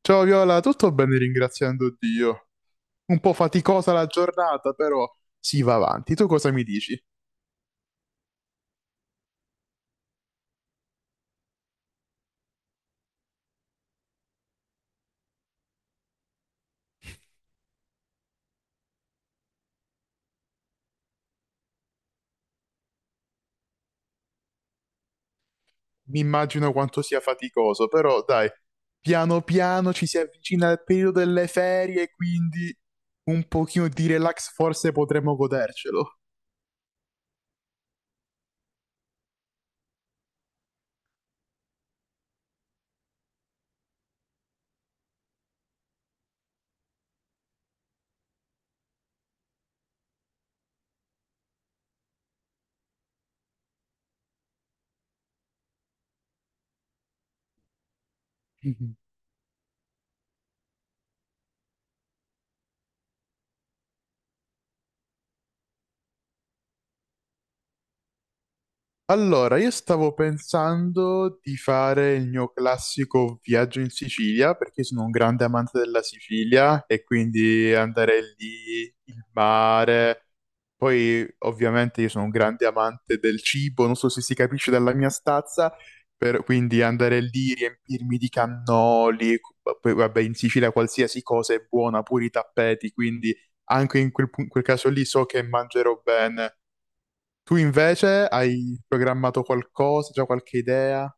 Ciao Viola, tutto bene ringraziando Dio. Un po' faticosa la giornata, però si va avanti. Tu cosa mi dici? Mi immagino quanto sia faticoso, però dai, piano piano ci si avvicina al periodo delle ferie, quindi un pochino di relax forse potremmo godercelo. Allora, io stavo pensando di fare il mio classico viaggio in Sicilia perché sono un grande amante della Sicilia e quindi andare lì, il mare. Poi, ovviamente, io sono un grande amante del cibo, non so se si capisce dalla mia stazza, quindi andare lì, riempirmi di cannoli, poi vabbè, in Sicilia qualsiasi cosa è buona, pure i tappeti, quindi anche in quel caso lì so che mangerò bene. Tu invece hai programmato qualcosa, già qualche idea?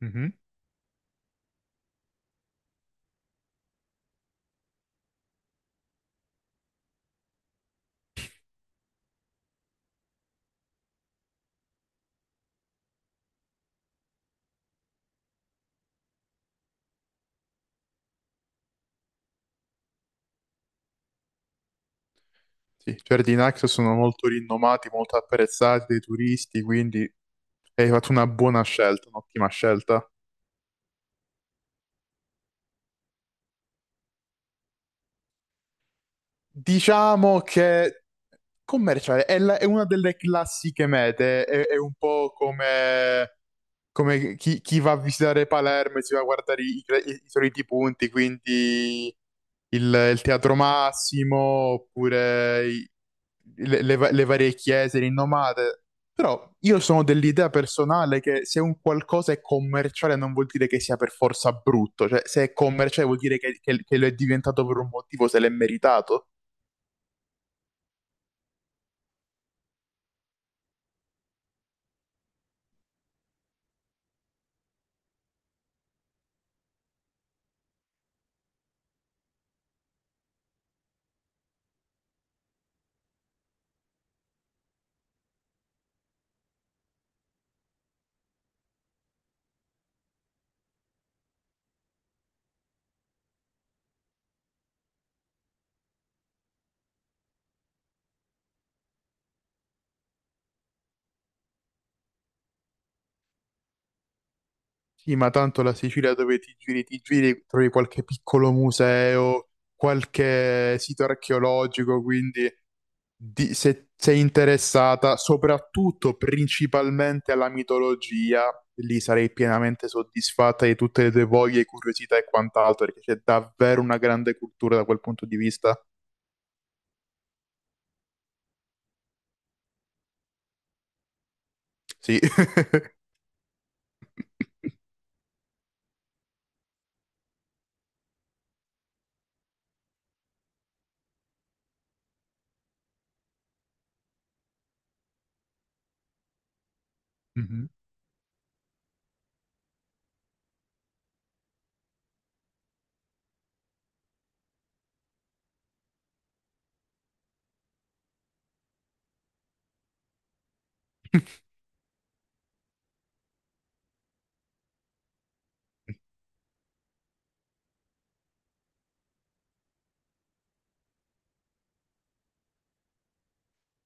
Mhm. Sì, i giardini Naxos sono molto rinomati, molto apprezzati dai turisti, quindi hai fatto una buona scelta, un'ottima scelta. Diciamo che commerciale è, è una delle classiche mete, è un po' come come chi va a visitare Palermo e si va a guardare i soliti punti, quindi il Teatro Massimo, oppure le varie chiese rinomate. Però io sono dell'idea personale che se un qualcosa è commerciale non vuol dire che sia per forza brutto, cioè se è commerciale vuol dire che, che lo è diventato per un motivo, se l'è meritato. Sì, ma tanto la Sicilia dove ti giri, trovi qualche piccolo museo, qualche sito archeologico, quindi se sei interessata soprattutto principalmente alla mitologia, lì sarei pienamente soddisfatta di tutte le tue voglie, curiosità e quant'altro, perché c'è davvero una grande cultura da quel punto di vista. Sì. Mhm.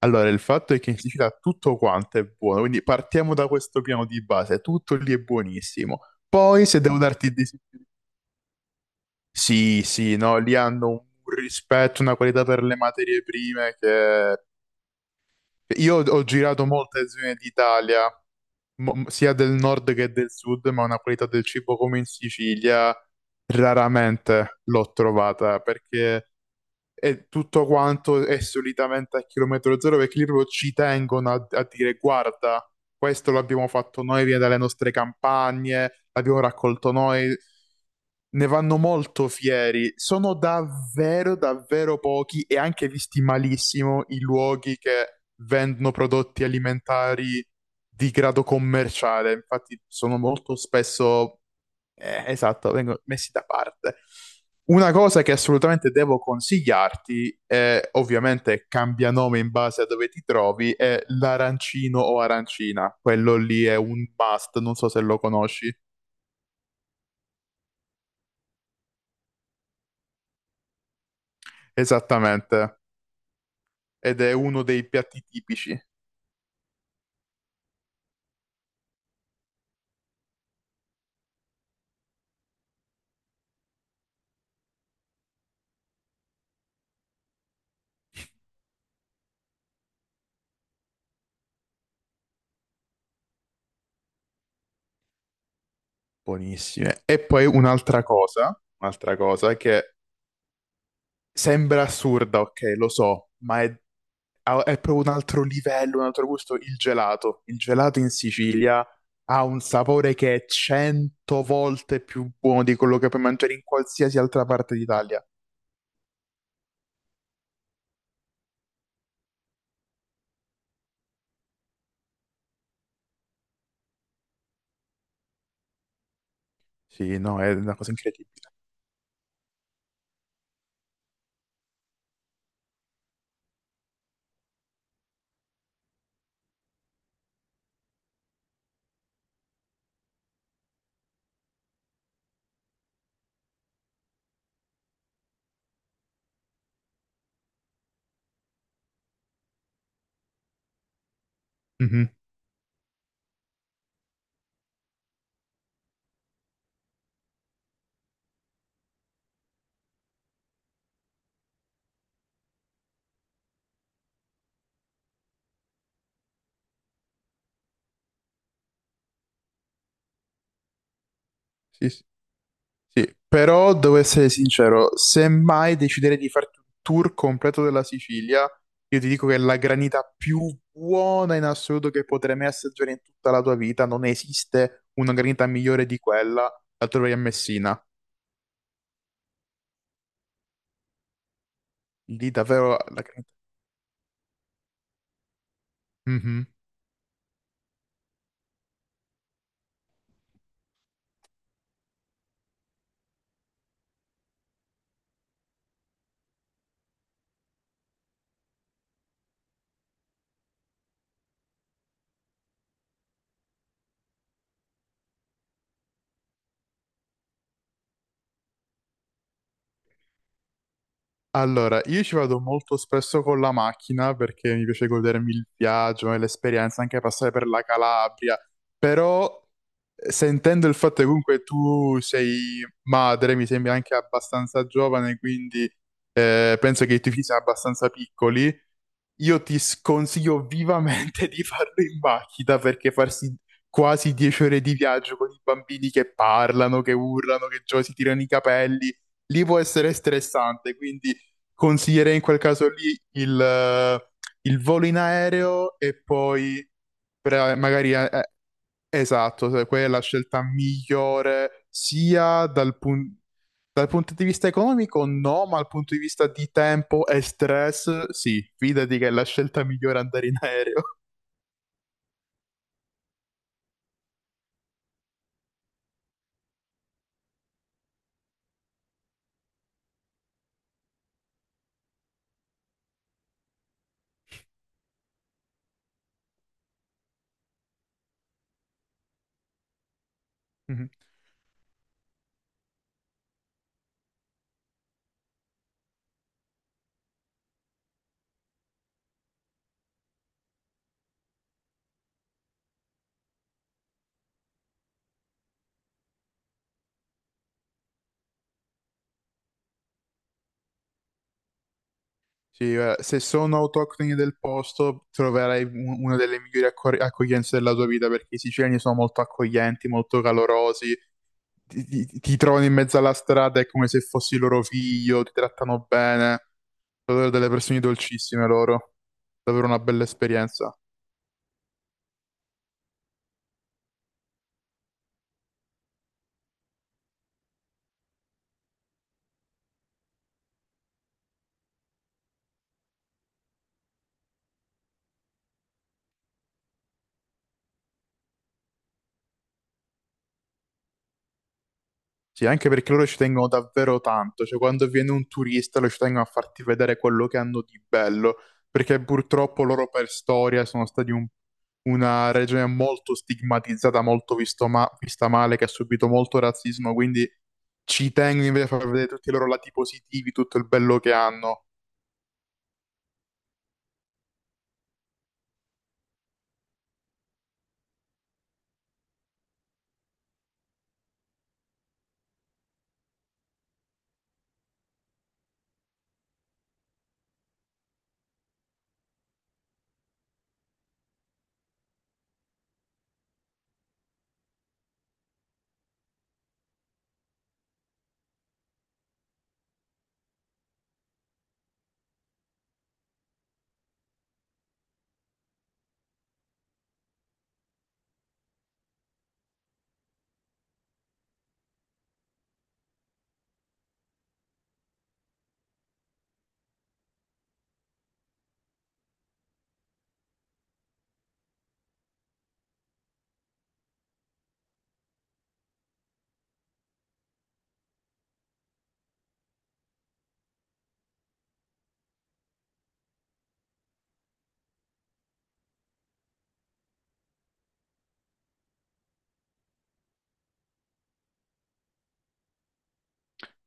Allora, il fatto è che in Sicilia tutto quanto è buono, quindi partiamo da questo piano di base, tutto lì è buonissimo. Poi, se devo darti dei... Sì, sì, no, lì hanno un rispetto, una qualità per le materie prime che... Io ho girato molte zone d'Italia, sia del nord che del sud, ma una qualità del cibo come in Sicilia raramente l'ho trovata, perché e tutto quanto è solitamente a chilometro zero perché lì proprio ci tengono a dire guarda, questo l'abbiamo fatto noi, viene dalle nostre campagne, l'abbiamo raccolto noi, ne vanno molto fieri. Sono davvero, davvero pochi e anche visti malissimo i luoghi che vendono prodotti alimentari di grado commerciale. Infatti sono molto spesso esatto, vengono messi da parte. Una cosa che assolutamente devo consigliarti, ovviamente cambia nome in base a dove ti trovi, è l'arancino o arancina. Quello lì è un must, non so se lo conosci. Esattamente. Ed è uno dei piatti tipici. Buonissime. E poi un'altra cosa che sembra assurda, ok, lo so, ma è proprio un altro livello, un altro gusto. Il gelato. Il gelato in Sicilia ha un sapore che è cento volte più buono di quello che puoi mangiare in qualsiasi altra parte d'Italia. Sì, no, è una cosa incredibile. Mhm. Sì, sì. Sì. Però devo essere sincero, se mai deciderei di farti un tour completo della Sicilia, io ti dico che la granita più buona in assoluto che potrai mai assaggiare in tutta la tua vita, non esiste una granita migliore di quella, la troverai a Messina. Lì davvero... granita. Mhm. Allora, io ci vado molto spesso con la macchina perché mi piace godermi il viaggio e l'esperienza, anche passare per la Calabria, però sentendo il fatto che comunque tu sei madre, mi sembri anche abbastanza giovane, quindi penso che i tuoi figli siano abbastanza piccoli. Io ti sconsiglio vivamente di farlo in macchina perché farsi quasi 10 ore di viaggio con i bambini che parlano, che urlano, che già si tirano i capelli, lì può essere stressante, quindi consiglierei in quel caso lì il volo in aereo e poi pre- magari esatto, se quella è la scelta migliore sia dal punto di vista economico, no, ma dal punto di vista di tempo e stress, sì, fidati che è la scelta migliore andare in aereo. Mhm. Sì, se sono autoctoni del posto, troverai una delle migliori accoglienze della tua vita perché i siciliani sono molto accoglienti, molto calorosi, ti trovano in mezzo alla strada, è come se fossi loro figlio, ti trattano bene, sono delle persone dolcissime loro. Davvero una bella esperienza. Sì, anche perché loro ci tengono davvero tanto, cioè quando viene un turista loro ci tengono a farti vedere quello che hanno di bello, perché purtroppo loro per storia sono stati una regione molto stigmatizzata, molto vista male, che ha subito molto razzismo, quindi ci tengo invece a far vedere tutti i loro lati positivi, tutto il bello che hanno.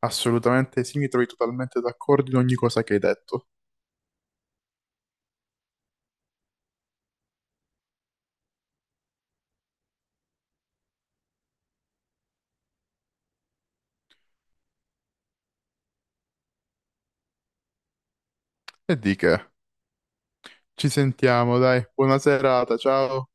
Assolutamente sì, mi trovi totalmente d'accordo in ogni cosa che hai detto. E di che? Ci sentiamo, dai, buona serata, ciao.